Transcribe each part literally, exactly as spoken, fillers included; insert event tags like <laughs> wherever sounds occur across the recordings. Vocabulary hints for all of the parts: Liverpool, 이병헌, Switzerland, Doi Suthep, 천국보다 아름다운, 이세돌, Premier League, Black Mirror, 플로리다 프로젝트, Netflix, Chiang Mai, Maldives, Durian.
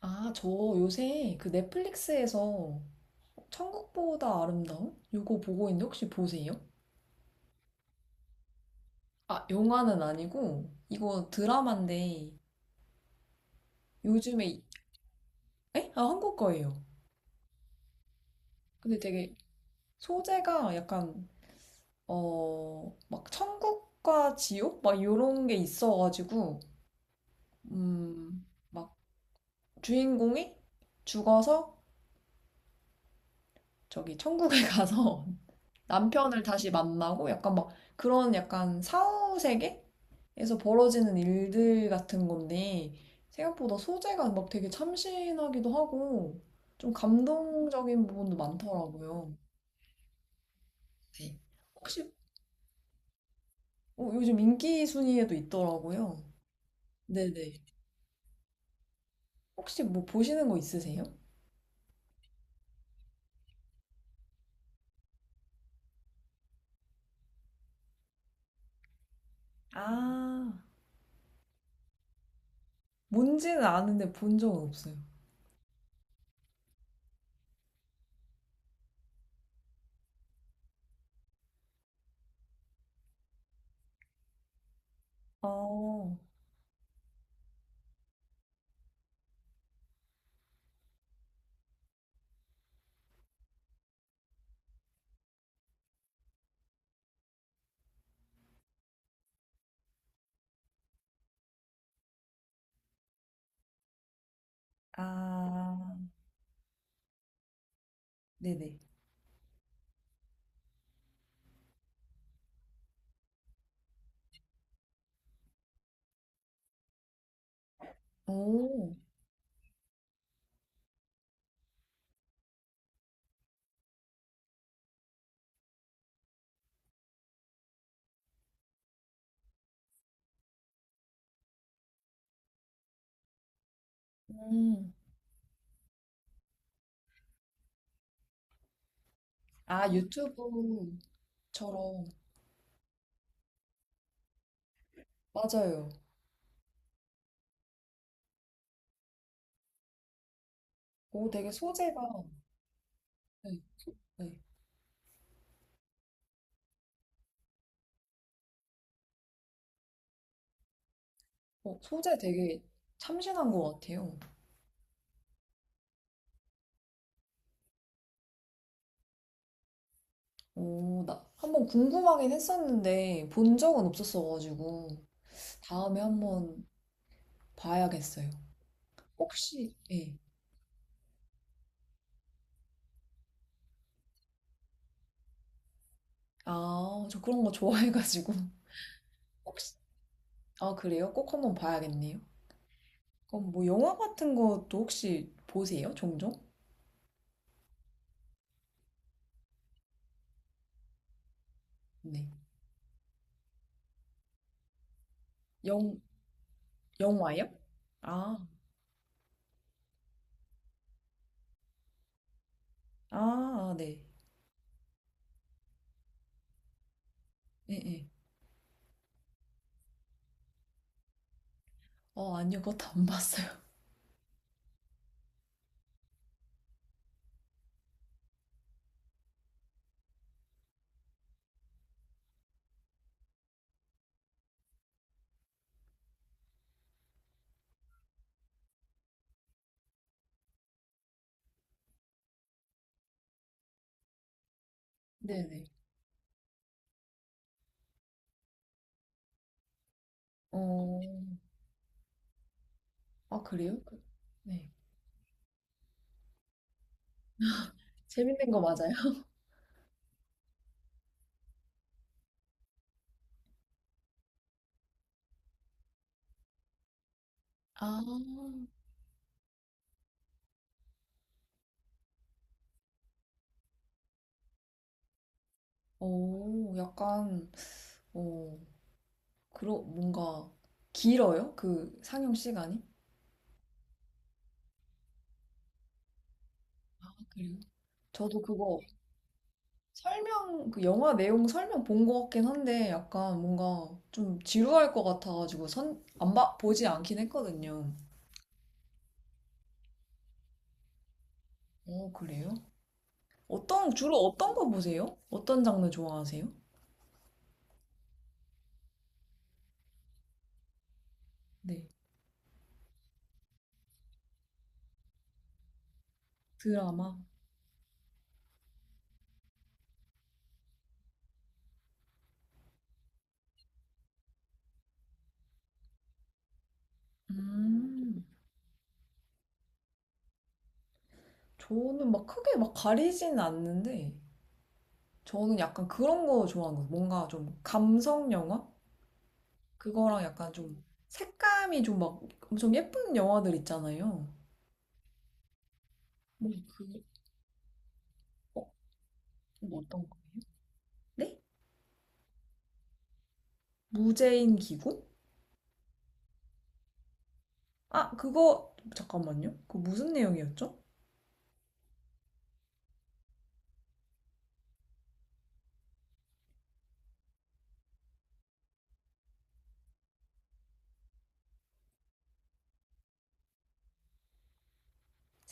아, 저 요새 그 넷플릭스에서 천국보다 아름다운? 요거 보고 있는데 혹시 보세요? 아, 영화는 아니고 이거 드라마인데 요즘에 이- 에? 아, 한국 거예요. 근데 되게 소재가 약간 어, 막 천국과 지옥? 막 요런 게 있어가지고 음, 막 주인공이 죽어서 저기 천국에 <laughs> 가서 남편을 다시 만나고 약간 막 그런 약간 사후 세계에서 벌어지는 일들 같은 건데 생각보다 소재가 막 되게 참신하기도 하고 좀 감동적인 부분도 많더라고요. 네. 혹시 어, 요즘 인기 순위에도 있더라고요. 네네. 혹시 뭐 보시는 거 있으세요? 아, 뭔지는 아는데 본 적은 없어요. 어, 아, 네네. 오, 음. 아, 유튜브. 처럼 맞아요. 오, 되게 소재가 네, 네. 어, 소재 되게 참신한 것 같아요. 오, 나 한번 궁금하긴 했었는데 본 적은 없었어가지고 다음에 한번 봐야겠어요. 혹시 예. 아, 저 그런 거 좋아해가지고 <laughs> 혹시 아, 그래요? 꼭 한번 봐야겠네요. 그럼 뭐 영화 같은 것도 혹시 보세요? 종종? 네. 영 영화요? 아, 아, 아, 네. 예, 예. 어, 아니요. 그것도 안 봤어요. <laughs> 네네. 어. 아, 그래요? 그- 네. 재밌는 거 맞아요? 아, 오, 약간, 오 그러, 뭔가, 길어요? 그 상영 시간이? 아, 그래요? 저도 그거 설명, 그 영화 내용 설명 본 것 같긴 한데, 약간 뭔가 좀 지루할 것 같아가지고, 선, 안 봐, 보지 않긴 했거든요. 오, 그래요? 어떤, 주로 어떤 거 보세요? 어떤 장르 좋아하세요? 네. 드라마? 음. 저는 막 크게 막 가리진 않는데, 저는 약간 그런 거 좋아하는 거 같아요. 뭔가 좀 감성 영화? 그거랑 약간 좀 색감이 좀 막 엄청 예쁜 영화들 있잖아요. 뭐, 그, 어, 뭐 어떤 거? 네? 무제인 기구? 아, 그거, 잠깐만요. 그거 무슨 내용이었죠?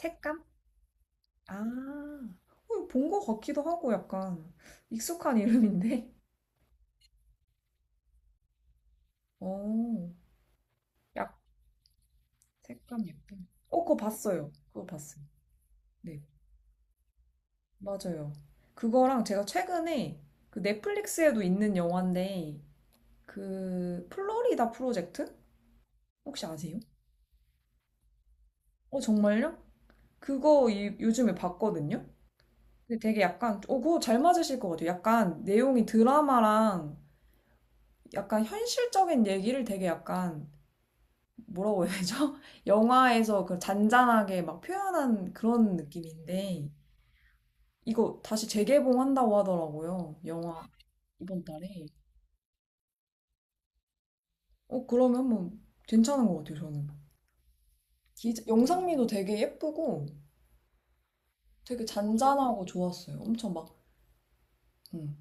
색감? 아, 어, 본거 같기도 하고 약간 익숙한 이름인데? <laughs> 어, 약, 색감 예쁜. 어, 그거 봤어요. 그거 봤어요. 네. 맞아요. 그거랑 제가 최근에 그 넷플릭스에도 있는 영화인데 그 플로리다 프로젝트 혹시 아세요? 어 정말요? 그거 이- 요즘에 봤거든요. 근데 되게 약간 어 그거 잘 맞으실 것 같아요. 약간 내용이 드라마랑 약간 현실적인 얘기를 되게 약간 뭐라고 해야 되죠? <laughs> 영화에서 그 잔잔하게 막 표현한 그런 느낌인데 이거 다시 재개봉한다고 하더라고요. 영화 이번 달에. 어, 그러면 뭐 괜찮은 것 같아요, 저는. 기- 영상미도 되게 예쁘고 되게 잔잔하고 좋았어요. 엄청 막, 음.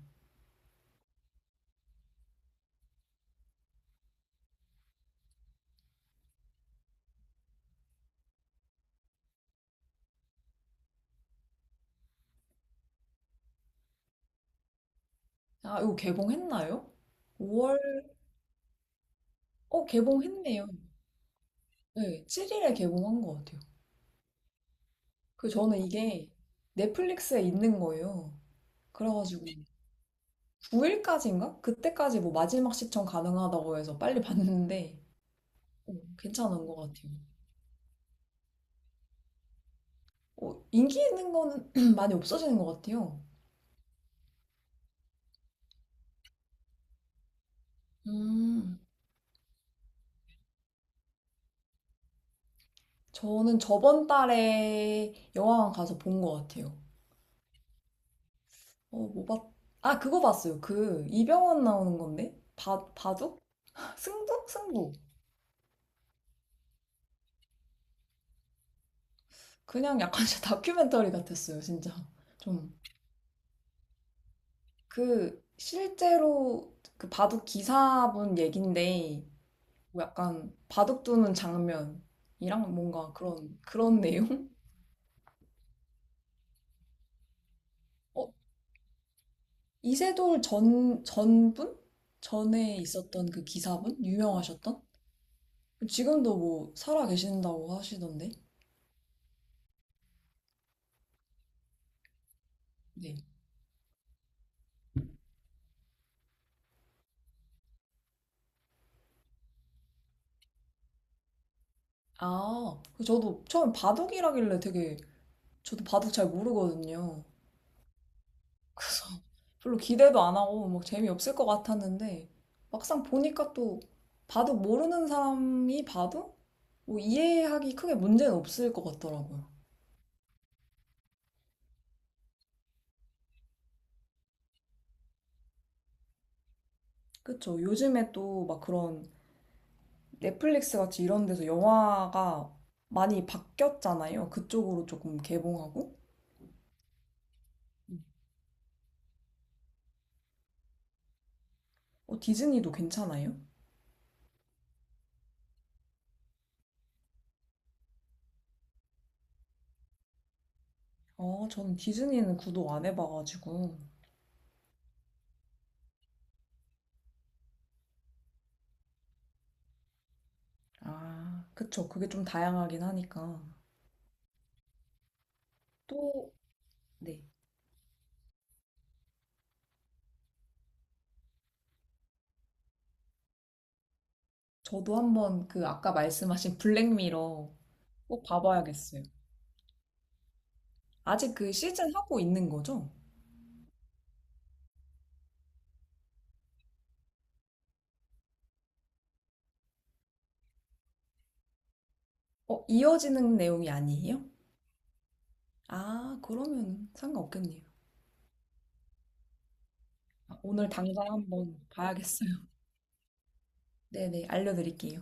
아, 이거 개봉했나요? 오월, 어, 개봉했네요. 네, 칠 일에 개봉한 것 같아요. 그 저는 이게 넷플릭스에 있는 거예요. 그래가지고 구 일까지인가? 그때까지 뭐 마지막 시청 가능하다고 해서 빨리 봤는데 어, 괜찮은 것 같아요. 어, 인기 있는 거는 <clears throat> 많이 없어지는 것 같아요. 음. 저는 저번 달에 영화관 가서 본 것 같아요. 어, 뭐 봤, 아, 그거 봤어요. 그, 이병헌 나오는 건데? 바, 바둑? <laughs> 승부? 승부. 그냥 약간 <laughs> 진짜 다큐멘터리 같았어요, 진짜. 좀. 그, 실제로 그 바둑 기사분 얘긴데, 뭐 약간 바둑 두는 장면이랑 뭔가 그런, 그런 내용? 어, 이세돌 전, 전분? 전에 있었던 그 기사분? 유명하셨던? 지금도 뭐 살아 계신다고 하시던데? 네. 아, 그 저도 처음 바둑이라길래 되게 저도 바둑 잘 모르거든요. 별로 기대도 안 하고 막 재미없을 것 같았는데 막상 보니까 또 바둑 모르는 사람이 봐도 뭐 이해하기 크게 문제는 없을 것 같더라고요. 그쵸. 요즘에 또 막 그런 넷플릭스 같이 이런 데서 영화가 많이 바뀌었잖아요. 그쪽으로 조금 개봉하고. 어, 디즈니도 괜찮아요? 어, 저는 디즈니는 구독 안 해봐가지고. 아, 그쵸. 그게 좀 다양하긴 하니까. 또, 네. 저도 한번 그 아까 말씀하신 블랙미러 꼭 봐봐야겠어요. 아직 그 시즌 하고 있는 거죠? 어, 이어지는 내용이 아니에요? 아, 그러면 상관없겠네요. 아, 오늘 당장 한번 봐야겠어요. <laughs> 네네, 알려드릴게요.